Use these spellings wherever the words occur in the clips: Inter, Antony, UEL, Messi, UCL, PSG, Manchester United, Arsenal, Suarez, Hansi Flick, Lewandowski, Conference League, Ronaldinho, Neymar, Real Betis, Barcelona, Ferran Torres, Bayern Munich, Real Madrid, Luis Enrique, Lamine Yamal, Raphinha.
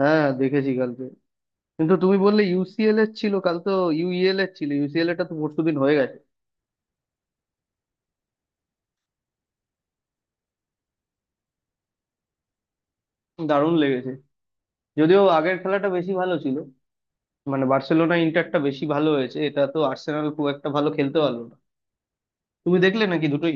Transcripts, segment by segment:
হ্যাঁ, দেখেছি কালকে। কিন্তু তুমি বললে ইউসিএল এর ছিল, কাল তো ইউইএল এর ছিল, ইউসিএল এর টা তো পরশুদিন হয়ে গেছে। দারুণ লেগেছে, যদিও আগের খেলাটা বেশি ভালো ছিল। মানে বার্সেলোনা ইন্টারটা বেশি ভালো হয়েছে, এটা তো আর্সেনাল খুব একটা ভালো খেলতে পারলো না। তুমি দেখলে নাকি দুটোই?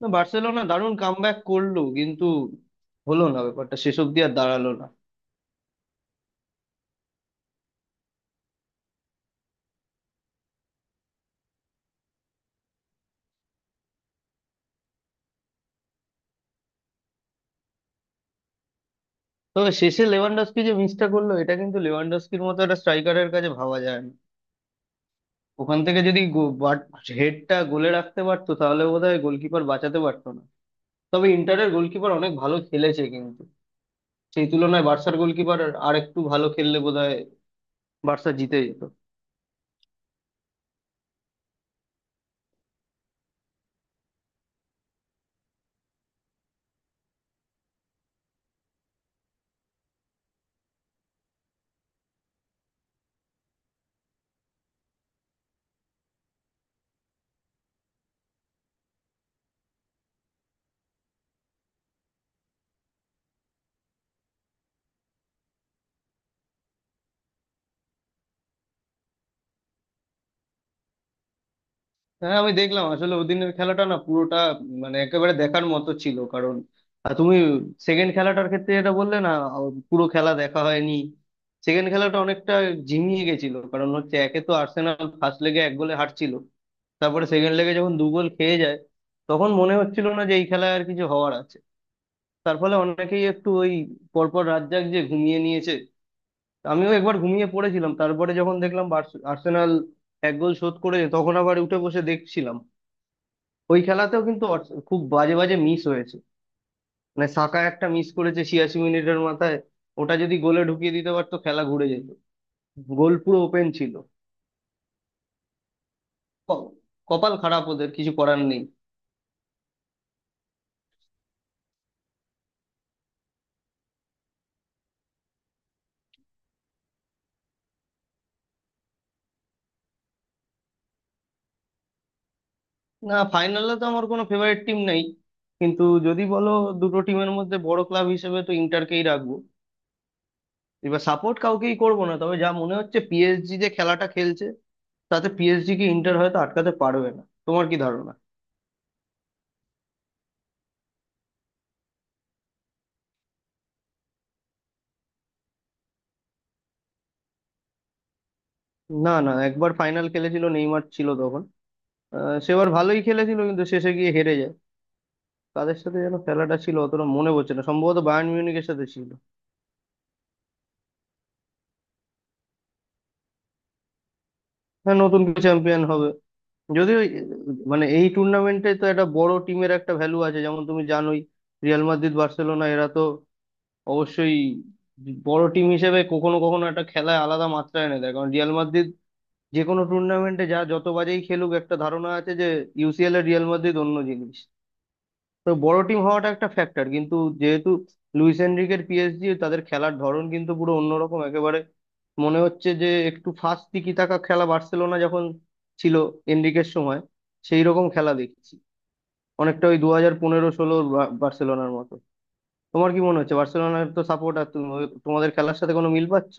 না, বার্সেলোনা দারুণ কামব্যাক করলো কিন্তু হলো না ব্যাপারটা, শেষ অব্দি আর দাঁড়ালো না। তবে শেষে লেভানডস্কি যে মিসটা করলো, এটা কিন্তু লেভানডস্কির মতো একটা স্ট্রাইকারের কাছে ভাবা যায় না। ওখান থেকে যদি হেডটা গোলে রাখতে পারতো তাহলে বোধহয় গোলকিপার বাঁচাতে পারতো না। তবে ইন্টারের গোলকিপার অনেক ভালো খেলেছে কিন্তু, সেই তুলনায় বার্সার গোলকিপার আর একটু ভালো খেললে বোধহয় বার্সা জিতে যেত। হ্যাঁ, আমি দেখলাম আসলে ওদিনের খেলাটা না পুরোটা, মানে একেবারে দেখার মতো ছিল। কারণ তুমি সেকেন্ড খেলাটার ক্ষেত্রে যেটা বললে না, পুরো খেলা দেখা হয়নি। সেকেন্ড খেলাটা অনেকটা ঝিমিয়ে গেছিল, কারণ হচ্ছে একে তো আর্সেনাল ফার্স্ট লেগে 1 গোলে হারছিল, তারপরে সেকেন্ড লেগে যখন 2 গোল খেয়ে যায় তখন মনে হচ্ছিল না যে এই খেলায় আর কিছু হওয়ার আছে। তার ফলে অনেকেই একটু ওই পরপর রাত জাগিয়ে ঘুমিয়ে নিয়েছে। আমিও একবার ঘুমিয়ে পড়েছিলাম, তারপরে যখন দেখলাম আর্সেনাল 1 গোল শোধ করেছে, তখন আবার উঠে বসে দেখছিলাম। ওই খেলাতেও কিন্তু খুব বাজে বাজে মিস হয়েছে। মানে সাকা একটা মিস করেছে 86 মিনিটের মাথায়, ওটা যদি গোলে ঢুকিয়ে দিতে পারতো খেলা ঘুরে যেত, গোল পুরো ওপেন ছিল। ক- কপাল খারাপ, ওদের কিছু করার নেই। না, ফাইনালে তো আমার কোনো ফেভারিট টিম নেই, কিন্তু যদি বলো দুটো টিমের মধ্যে বড় ক্লাব হিসেবে তো ইন্টারকেই রাখবো। এবার সাপোর্ট কাউকেই করবো না, তবে যা মনে হচ্ছে পিএসজি যে খেলাটা খেলছে, তাতে পিএসজি কি ইন্টার হয়তো আটকাতে পারবে না, তোমার কি ধারণা? না না, একবার ফাইনাল খেলেছিল, নেইমার ছিল তখন। সেবার ভালোই খেলেছিল কিন্তু শেষে গিয়ে হেরে যায়। তাদের সাথে যেন খেলাটা ছিল অতটা মনে পড়ছে না, সম্ভবত বায়ার্ন মিউনিখের সাথে ছিল। হ্যাঁ, নতুন চ্যাম্পিয়ন হবে। যদিও মানে এই টুর্নামেন্টে তো একটা বড় টিমের একটা ভ্যালু আছে, যেমন তুমি জানোই, রিয়াল মাদ্রিদ বার্সেলোনা এরা তো অবশ্যই বড় টিম হিসেবে কখনো কখনো একটা খেলায় আলাদা মাত্রা এনে দেয়। কারণ রিয়াল মাদ্রিদ যে কোনো টুর্নামেন্টে যা যত বাজেই খেলুক, একটা ধারণা আছে যে ইউসিএল এর রিয়াল মাদ্রিদ অন্য জিনিস। তো বড় টিম হওয়াটা একটা ফ্যাক্টর কিন্তু, যেহেতু লুইস এনরিকের পিএসজি, তাদের খেলার ধরন কিন্তু পুরো অন্যরকম একেবারে। মনে হচ্ছে যে একটু ফাস্ট টিকি টাকা খেলা, বার্সেলোনা যখন ছিল এনরিকের সময়, সেই রকম খেলা দেখছি, অনেকটা ওই 2015-16র বার্সেলোনার মতো। তোমার কি মনে হচ্ছে? বার্সেলোনার তো সাপোর্টার তুমি, তোমাদের খেলার সাথে কোনো মিল পাচ্ছ?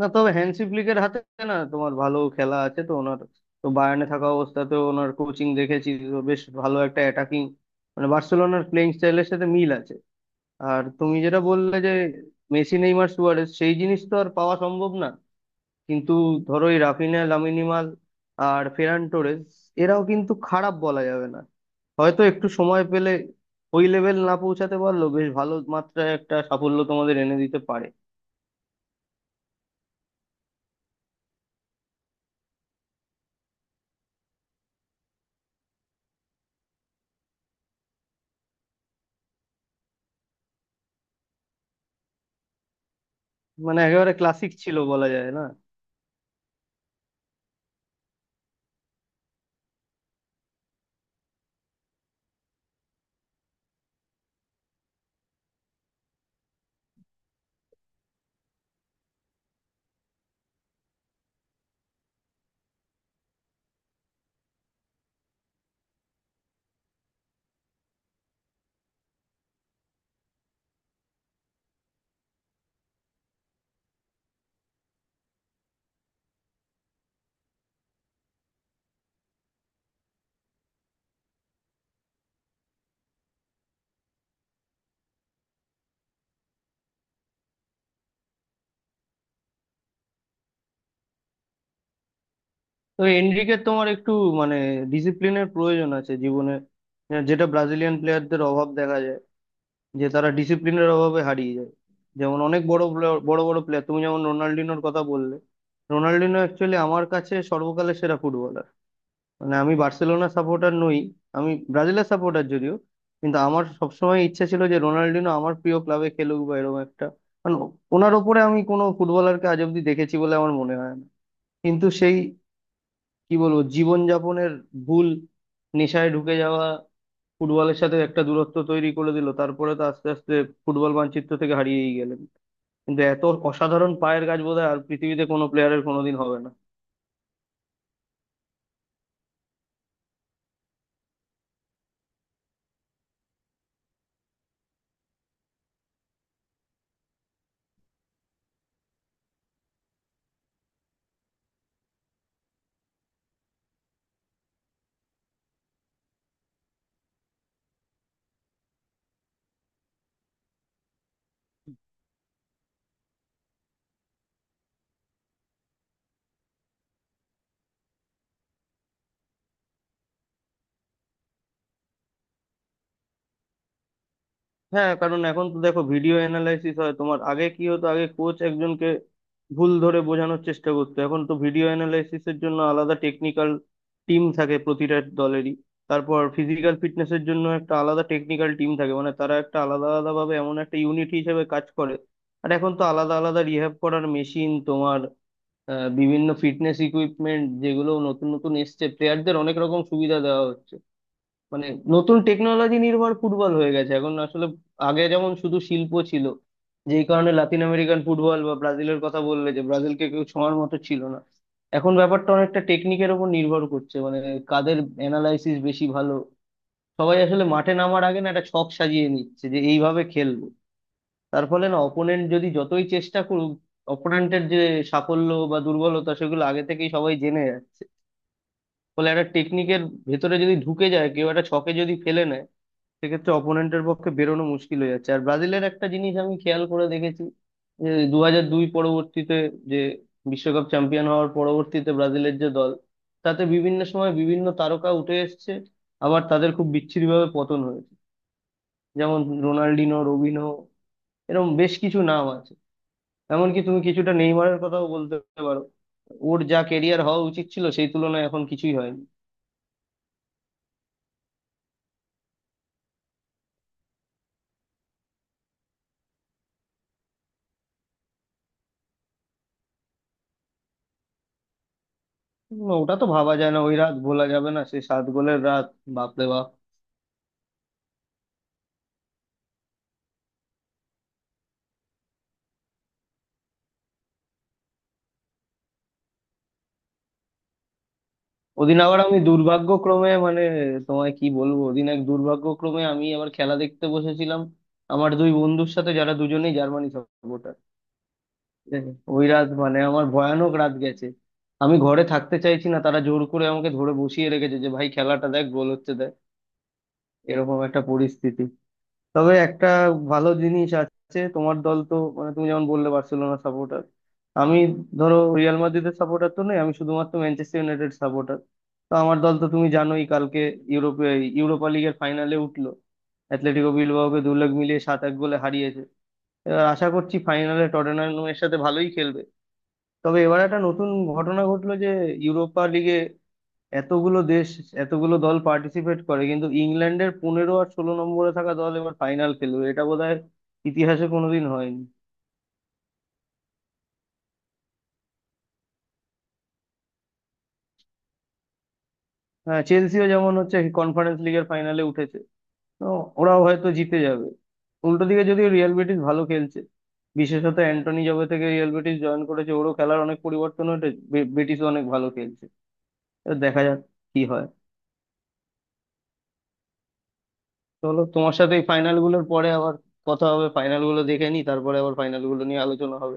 না তবে, হ্যান্সি ফ্লিকের হাতে, না তোমার ভালো খেলা আছে তো ওনার। তো বায়ার্নে থাকা অবস্থাতেও ওনার কোচিং দেখেছি তো, বেশ ভালো একটা অ্যাটাকিং, মানে বার্সেলোনার প্লেইং স্টাইলের সাথে মিল আছে। আর তুমি যেটা বললে যে মেসি নেইমার সুয়ারেজ, সেই জিনিস তো আর পাওয়া সম্ভব না, কিন্তু ধরো এই রাফিনা লামিনিমাল আর ফেরান টোরেস, এরাও কিন্তু খারাপ বলা যাবে না। হয়তো একটু সময় পেলে ওই লেভেল না পৌঁছাতে পারলো, বেশ ভালো মাত্রায় একটা সাফল্য তোমাদের এনে দিতে পারে। মানে একেবারে ক্লাসিক ছিল, বলা যায়। না, তো এনরিকের তোমার একটু, মানে ডিসিপ্লিনের প্রয়োজন আছে জীবনে। যেটা ব্রাজিলিয়ান প্লেয়ারদের অভাব দেখা যায়, যে তারা ডিসিপ্লিনের অভাবে হারিয়ে যায়। যেমন অনেক বড় বড় বড় প্লেয়ার, তুমি যেমন রোনাল্ডিনোর কথা বললে, রোনাল্ডিনো অ্যাকচুয়ালি আমার কাছে সর্বকালের সেরা ফুটবলার। মানে আমি বার্সেলোনা সাপোর্টার নই, আমি ব্রাজিলের সাপোর্টার যদিও, কিন্তু আমার সবসময় ইচ্ছা ছিল যে রোনাল্ডিনো আমার প্রিয় ক্লাবে খেলুক বা এরকম একটা, মানে ওনার ওপরে আমি কোনো ফুটবলারকে আজ অব্দি দেখেছি বলে আমার মনে হয় না। কিন্তু সেই, কি বলবো, জীবনযাপনের ভুল, নেশায় ঢুকে যাওয়া, ফুটবলের সাথে একটা দূরত্ব তৈরি করে দিল। তারপরে তো আস্তে আস্তে ফুটবল মানচিত্র থেকে হারিয়েই গেলেন। কিন্তু এত অসাধারণ পায়ের কাজ বোধহয় আর পৃথিবীতে কোনো প্লেয়ারের কোনোদিন হবে না। হ্যাঁ, কারণ এখন তো দেখো ভিডিও অ্যানালাইসিস হয়। তোমার আগে কি হতো, আগে কোচ একজনকে ভুল ধরে বোঝানোর চেষ্টা করতো, এখন তো ভিডিও অ্যানালাইসিসের জন্য আলাদা টেকনিক্যাল টিম থাকে প্রতিটা দলেরই। তারপর ফিজিক্যাল ফিটনেসের জন্য একটা আলাদা টেকনিক্যাল টিম থাকে, মানে তারা একটা আলাদা আলাদা ভাবে এমন একটা ইউনিট হিসেবে কাজ করে। আর এখন তো আলাদা আলাদা রিহ্যাব করার মেশিন, তোমার বিভিন্ন ফিটনেস ইকুইপমেন্ট যেগুলো নতুন নতুন এসছে, প্লেয়ারদের অনেক রকম সুবিধা দেওয়া হচ্ছে। মানে নতুন টেকনোলজি নির্ভর ফুটবল হয়ে গেছে এখন আসলে। আগে যেমন শুধু শিল্প ছিল, যেই কারণে লাতিন আমেরিকান ফুটবল বা ব্রাজিলের কথা বললে যে ব্রাজিলকে কেউ ছোঁয়ার মতো ছিল না, এখন ব্যাপারটা অনেকটা টেকনিকের উপর নির্ভর করছে। মানে কাদের অ্যানালাইসিস বেশি ভালো, সবাই আসলে মাঠে নামার আগে না একটা ছক সাজিয়ে নিচ্ছে যে এইভাবে খেলবো। তার ফলে না অপোনেন্ট যদি যতই চেষ্টা করুক, অপোনেন্টের যে সাফল্য বা দুর্বলতা সেগুলো আগে থেকেই সবাই জেনে যাচ্ছে। ফলে একটা টেকনিকের ভেতরে যদি ঢুকে যায় কেউ, একটা ছকে যদি ফেলে নেয়, সেক্ষেত্রে অপোনেন্টের পক্ষে বেরোনো মুশকিল হয়ে যাচ্ছে। আর ব্রাজিলের একটা জিনিস আমি খেয়াল করে দেখেছি, যে 2002 পরবর্তীতে, যে বিশ্বকাপ চ্যাম্পিয়ন হওয়ার পরবর্তীতে, ব্রাজিলের যে দল, তাতে বিভিন্ন সময় বিভিন্ন তারকা উঠে এসেছে, আবার তাদের খুব বিচ্ছিরিভাবে পতন হয়েছে। যেমন রোনাল্ডিনো, রবিনো, এরকম বেশ কিছু নাম আছে। এমনকি তুমি কিছুটা নেইমারের কথাও বলতে পারো, ওর যা কেরিয়ার হওয়া উচিত ছিল সেই তুলনায় এখন কিছুই হয়নি। ওটা তো ভাবা যায় না, ওই রাত ভোলা যাবে না, সেই 7 গোলের রাত। বাপরে বাপ! ওদিন আবার আমি দুর্ভাগ্যক্রমে, মানে তোমায় কি বলবো, ওদিন এক দুর্ভাগ্যক্রমে আমি আবার খেলা দেখতে বসেছিলাম আমার দুই বন্ধুর সাথে যারা দুজনেই জার্মানি সাপোর্টার। ওই রাত মানে আমার ভয়ানক রাত গেছে। আমি ঘরে থাকতে চাইছি না, তারা জোর করে আমাকে ধরে বসিয়ে রেখেছে যে ভাই খেলাটা দেখ, গোল হচ্ছে দেখ, এরকম একটা পরিস্থিতি। তবে একটা ভালো জিনিস আছে, তোমার দল তো, মানে তুমি যেমন বললে বার্সেলোনা সাপোর্টার, আমি ধরো রিয়াল মাদ্রিদের সাপোর্টার তো নই, আমি শুধুমাত্র ম্যানচেস্টার ইউনাইটেড সাপোর্টার। তো আমার দল তো তুমি জানোই, কালকে ইউরোপে ইউরোপা লিগের ফাইনালে উঠলো, অ্যাটলেটিকো বিলবাওকে দু লাখ মিলিয়ে 7-1 গোলে হারিয়েছে। এবার আশা করছি ফাইনালে টটেনহামের সাথে ভালোই খেলবে। তবে এবার একটা নতুন ঘটনা ঘটলো, যে ইউরোপা লিগে এতগুলো দেশ, এতগুলো দল পার্টিসিপেট করে, কিন্তু ইংল্যান্ডের 15 আর 16 নম্বরে থাকা দল এবার ফাইনাল খেলবে, এটা বোধহয় ইতিহাসে কোনোদিন হয়নি। হ্যাঁ, চেলসিও যেমন হচ্ছে কনফারেন্স লিগের ফাইনালে উঠেছে, তো ওরাও হয়তো জিতে যাবে। উল্টো দিকে যদিও রিয়াল বেটিস ভালো খেলছে, বিশেষত অ্যান্টনি জবে থেকে রিয়াল বেটিস জয়েন করেছে ওরও খেলার অনেক পরিবর্তন হয়েছে, বেটিসও অনেক ভালো খেলছে। তো দেখা যাক কি হয়। চলো তোমার সাথে এই ফাইনাল গুলোর পরে আবার কথা হবে, ফাইনাল গুলো দেখে নি তারপরে আবার ফাইনাল গুলো নিয়ে আলোচনা হবে।